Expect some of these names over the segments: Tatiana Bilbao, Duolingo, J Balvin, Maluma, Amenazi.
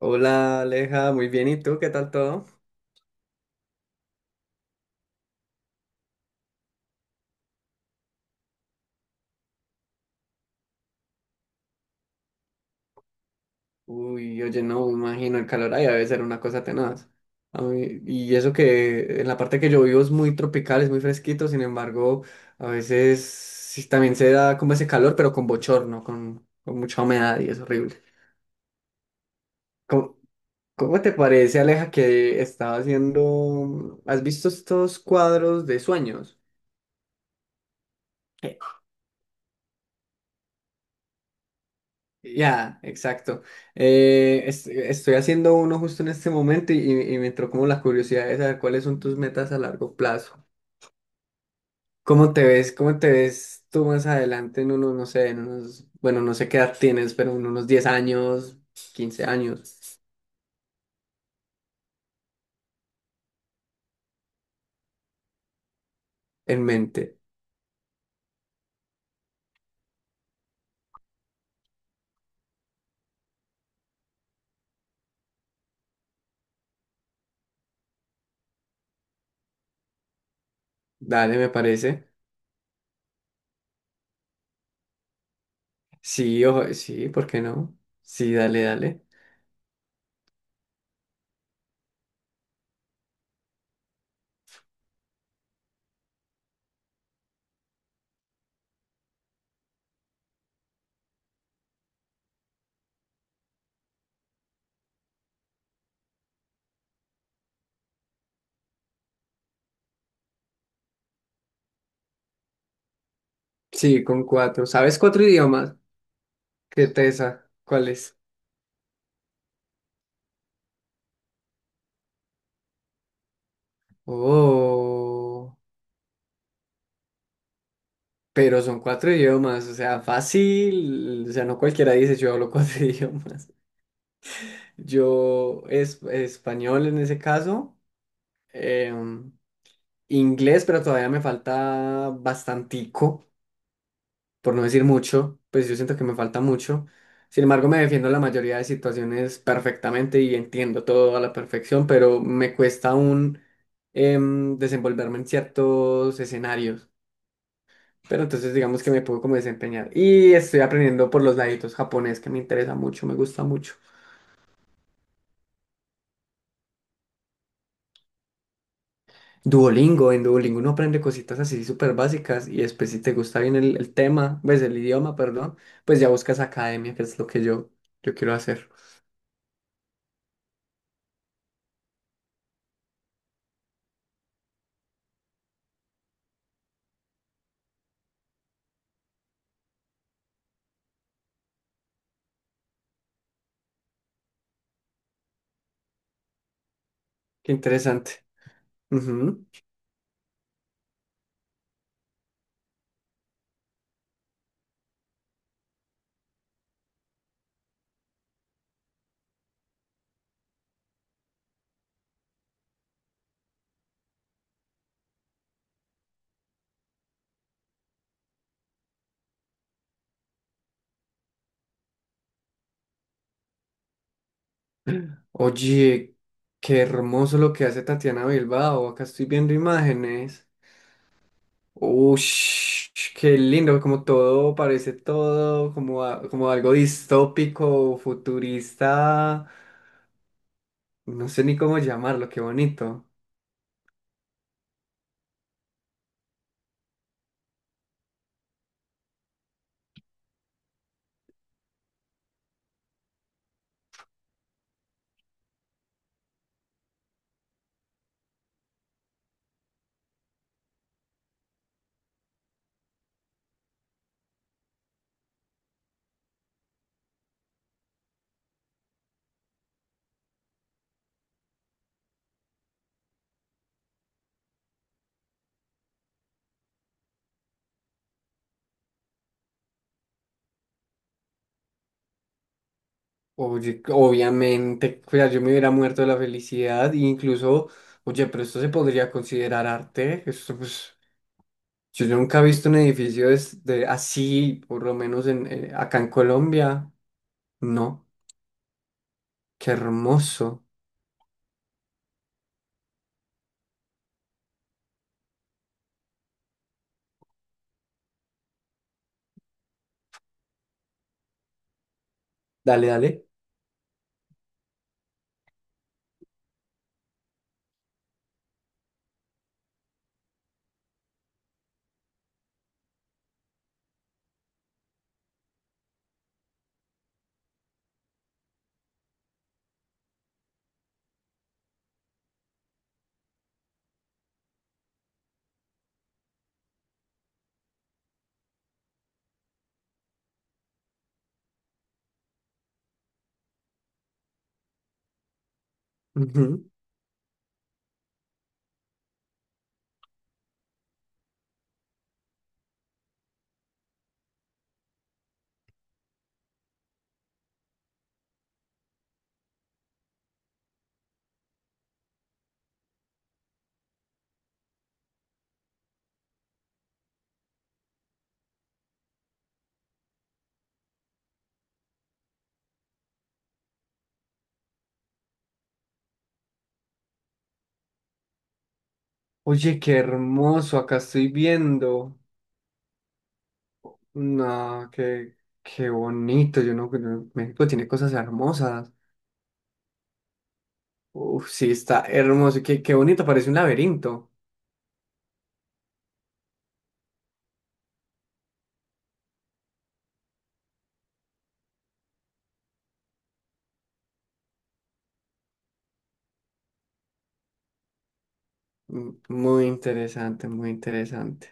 Hola Aleja, muy bien, ¿y tú? ¿Qué tal todo? Uy, oye, no, me imagino, el calor ahí debe ser una cosa tenaz. Y eso que en la parte que yo vivo es muy tropical, es muy fresquito, sin embargo, a veces sí, también se da como ese calor, pero con bochorno, con mucha humedad y es horrible. ¿Cómo, cómo te parece, Aleja, que estaba haciendo? ¿Has visto estos cuadros de sueños? Ya, exacto. Estoy haciendo uno justo en este momento y me entró como la curiosidad de saber cuáles son tus metas a largo plazo. ¿Cómo te ves? ¿Cómo te ves tú más adelante en unos, no sé, en unos, bueno, no sé qué edad tienes, pero en unos 10 años, 15 años en mente? Dale, me parece. Sí, ojo, sí, ¿por qué no? Sí, dale, dale. Sí, con cuatro. ¿Sabes cuatro idiomas? ¿Qué tesa? ¿Cuáles? Oh. Pero son cuatro idiomas, o sea, fácil, o sea, no cualquiera dice yo hablo cuatro idiomas. Yo es español en ese caso, em, inglés, pero todavía me falta bastantico, por no decir mucho, pues yo siento que me falta mucho. Sin embargo, me defiendo en la mayoría de situaciones perfectamente y entiendo todo a la perfección, pero me cuesta aún desenvolverme en ciertos escenarios. Pero entonces digamos que me puedo como desempeñar. Y estoy aprendiendo por los laditos japonés, que me interesa mucho, me gusta mucho. Duolingo, en Duolingo uno aprende cositas así súper básicas y después si te gusta bien el tema, ves el idioma, perdón, pues ya buscas academia, que es lo que yo quiero hacer. Qué interesante. Ujú. Oye, qué hermoso lo que hace Tatiana Bilbao. Acá estoy viendo imágenes. Ush, qué lindo, como todo, parece todo como, como algo distópico, futurista, no sé ni cómo llamarlo, qué bonito. Oye, obviamente, o sea, yo me hubiera muerto de la felicidad, e incluso, oye, pero esto se podría considerar arte, esto pues, yo nunca he visto un edificio de, así, por lo menos en, acá en Colombia, no, qué hermoso. Dale, dale. Ujú. Oye, qué hermoso, acá estoy viendo. No, qué, qué bonito. Yo México tiene cosas hermosas. Uf, sí, está hermoso. Qué bonito, parece un laberinto. Muy interesante, muy interesante.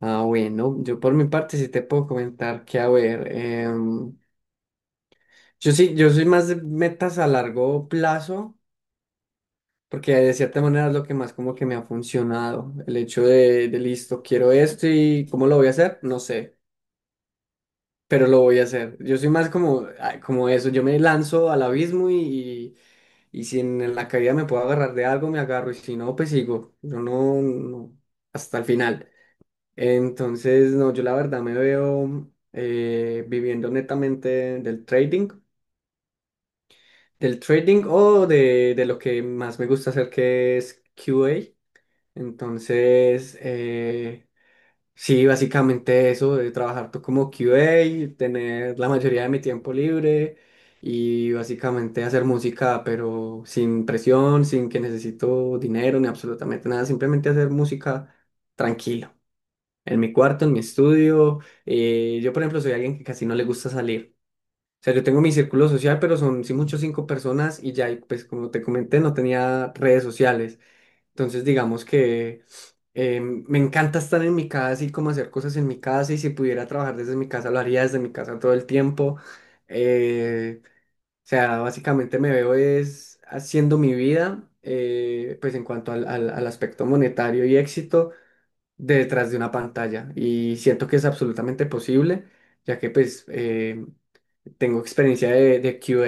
Ah, bueno, yo por mi parte sí te puedo comentar que, a ver, yo sí, yo soy más de metas a largo plazo, porque de cierta manera es lo que más como que me ha funcionado. El hecho de listo, quiero esto y ¿cómo lo voy a hacer? No sé, pero lo voy a hacer. Yo soy más como, ah, como eso, yo me lanzo al abismo y, si en, la caída me puedo agarrar de algo, me agarro, y si no, pues sigo. Yo no, no, hasta el final. Entonces, no, yo la verdad me veo viviendo netamente del trading, del trading o de lo que más me gusta hacer, que es QA. Entonces, sí, básicamente eso, de trabajar tú como QA tener la mayoría de mi tiempo libre y básicamente hacer música, pero sin presión, sin que necesito dinero ni absolutamente nada, simplemente hacer música tranquilo, en mi cuarto, en mi estudio. Yo, por ejemplo, soy alguien que casi no le gusta salir. O sea, yo tengo mi círculo social, pero son, sí, muchos cinco personas y ya, y pues como te comenté, no tenía redes sociales. Entonces, digamos que. Me encanta estar en mi casa y como hacer cosas en mi casa y si pudiera trabajar desde mi casa lo haría desde mi casa todo el tiempo. Eh, o sea, básicamente me veo es haciendo mi vida, pues en cuanto al aspecto monetario y éxito, detrás de una pantalla. Y siento que es absolutamente posible, ya que pues tengo experiencia de QA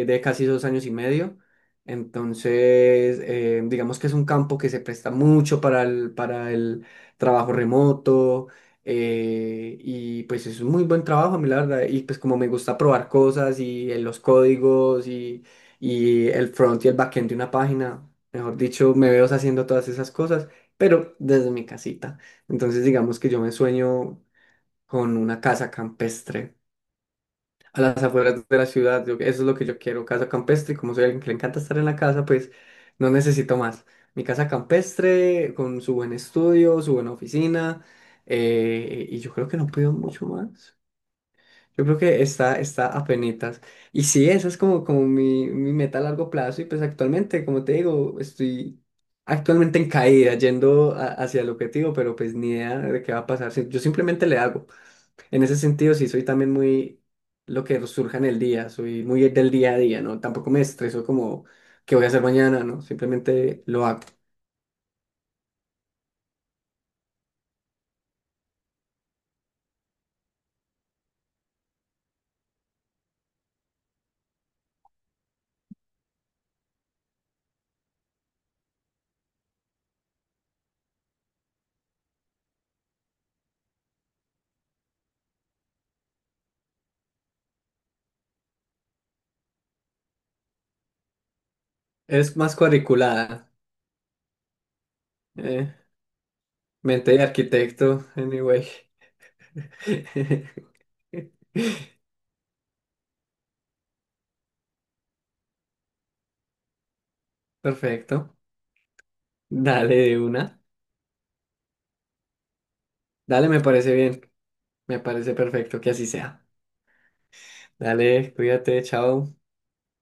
de casi 2 años y medio, entonces digamos que es un campo que se presta mucho para el, trabajo remoto y pues es un muy buen trabajo, a mí la verdad, y pues como me gusta probar cosas y los códigos y el front y el backend de una página, mejor dicho, me veo haciendo todas esas cosas, pero desde mi casita. Entonces digamos que yo me sueño con una casa campestre a las afueras de la ciudad. Eso es lo que yo quiero, casa campestre. Y como soy alguien que le encanta estar en la casa, pues no necesito más. Mi casa campestre, con su buen estudio, su buena oficina, y yo creo que no pido mucho más. Yo creo que está apenitas. Y sí, esa es como, mi meta a largo plazo. Y pues actualmente, como te digo, estoy actualmente en caída, yendo hacia el objetivo, pero pues ni idea de qué va a pasar. Sí, yo simplemente le hago. En ese sentido, sí, soy también muy lo que surja en el día, soy muy del día a día, ¿no? Tampoco me estreso como qué voy a hacer mañana, ¿no? Simplemente lo hago. Es más cuadriculada, ¿eh? Mente de arquitecto, anyway. Perfecto. Dale de una. Dale, me parece bien. Me parece perfecto que así sea. Dale, cuídate, chao.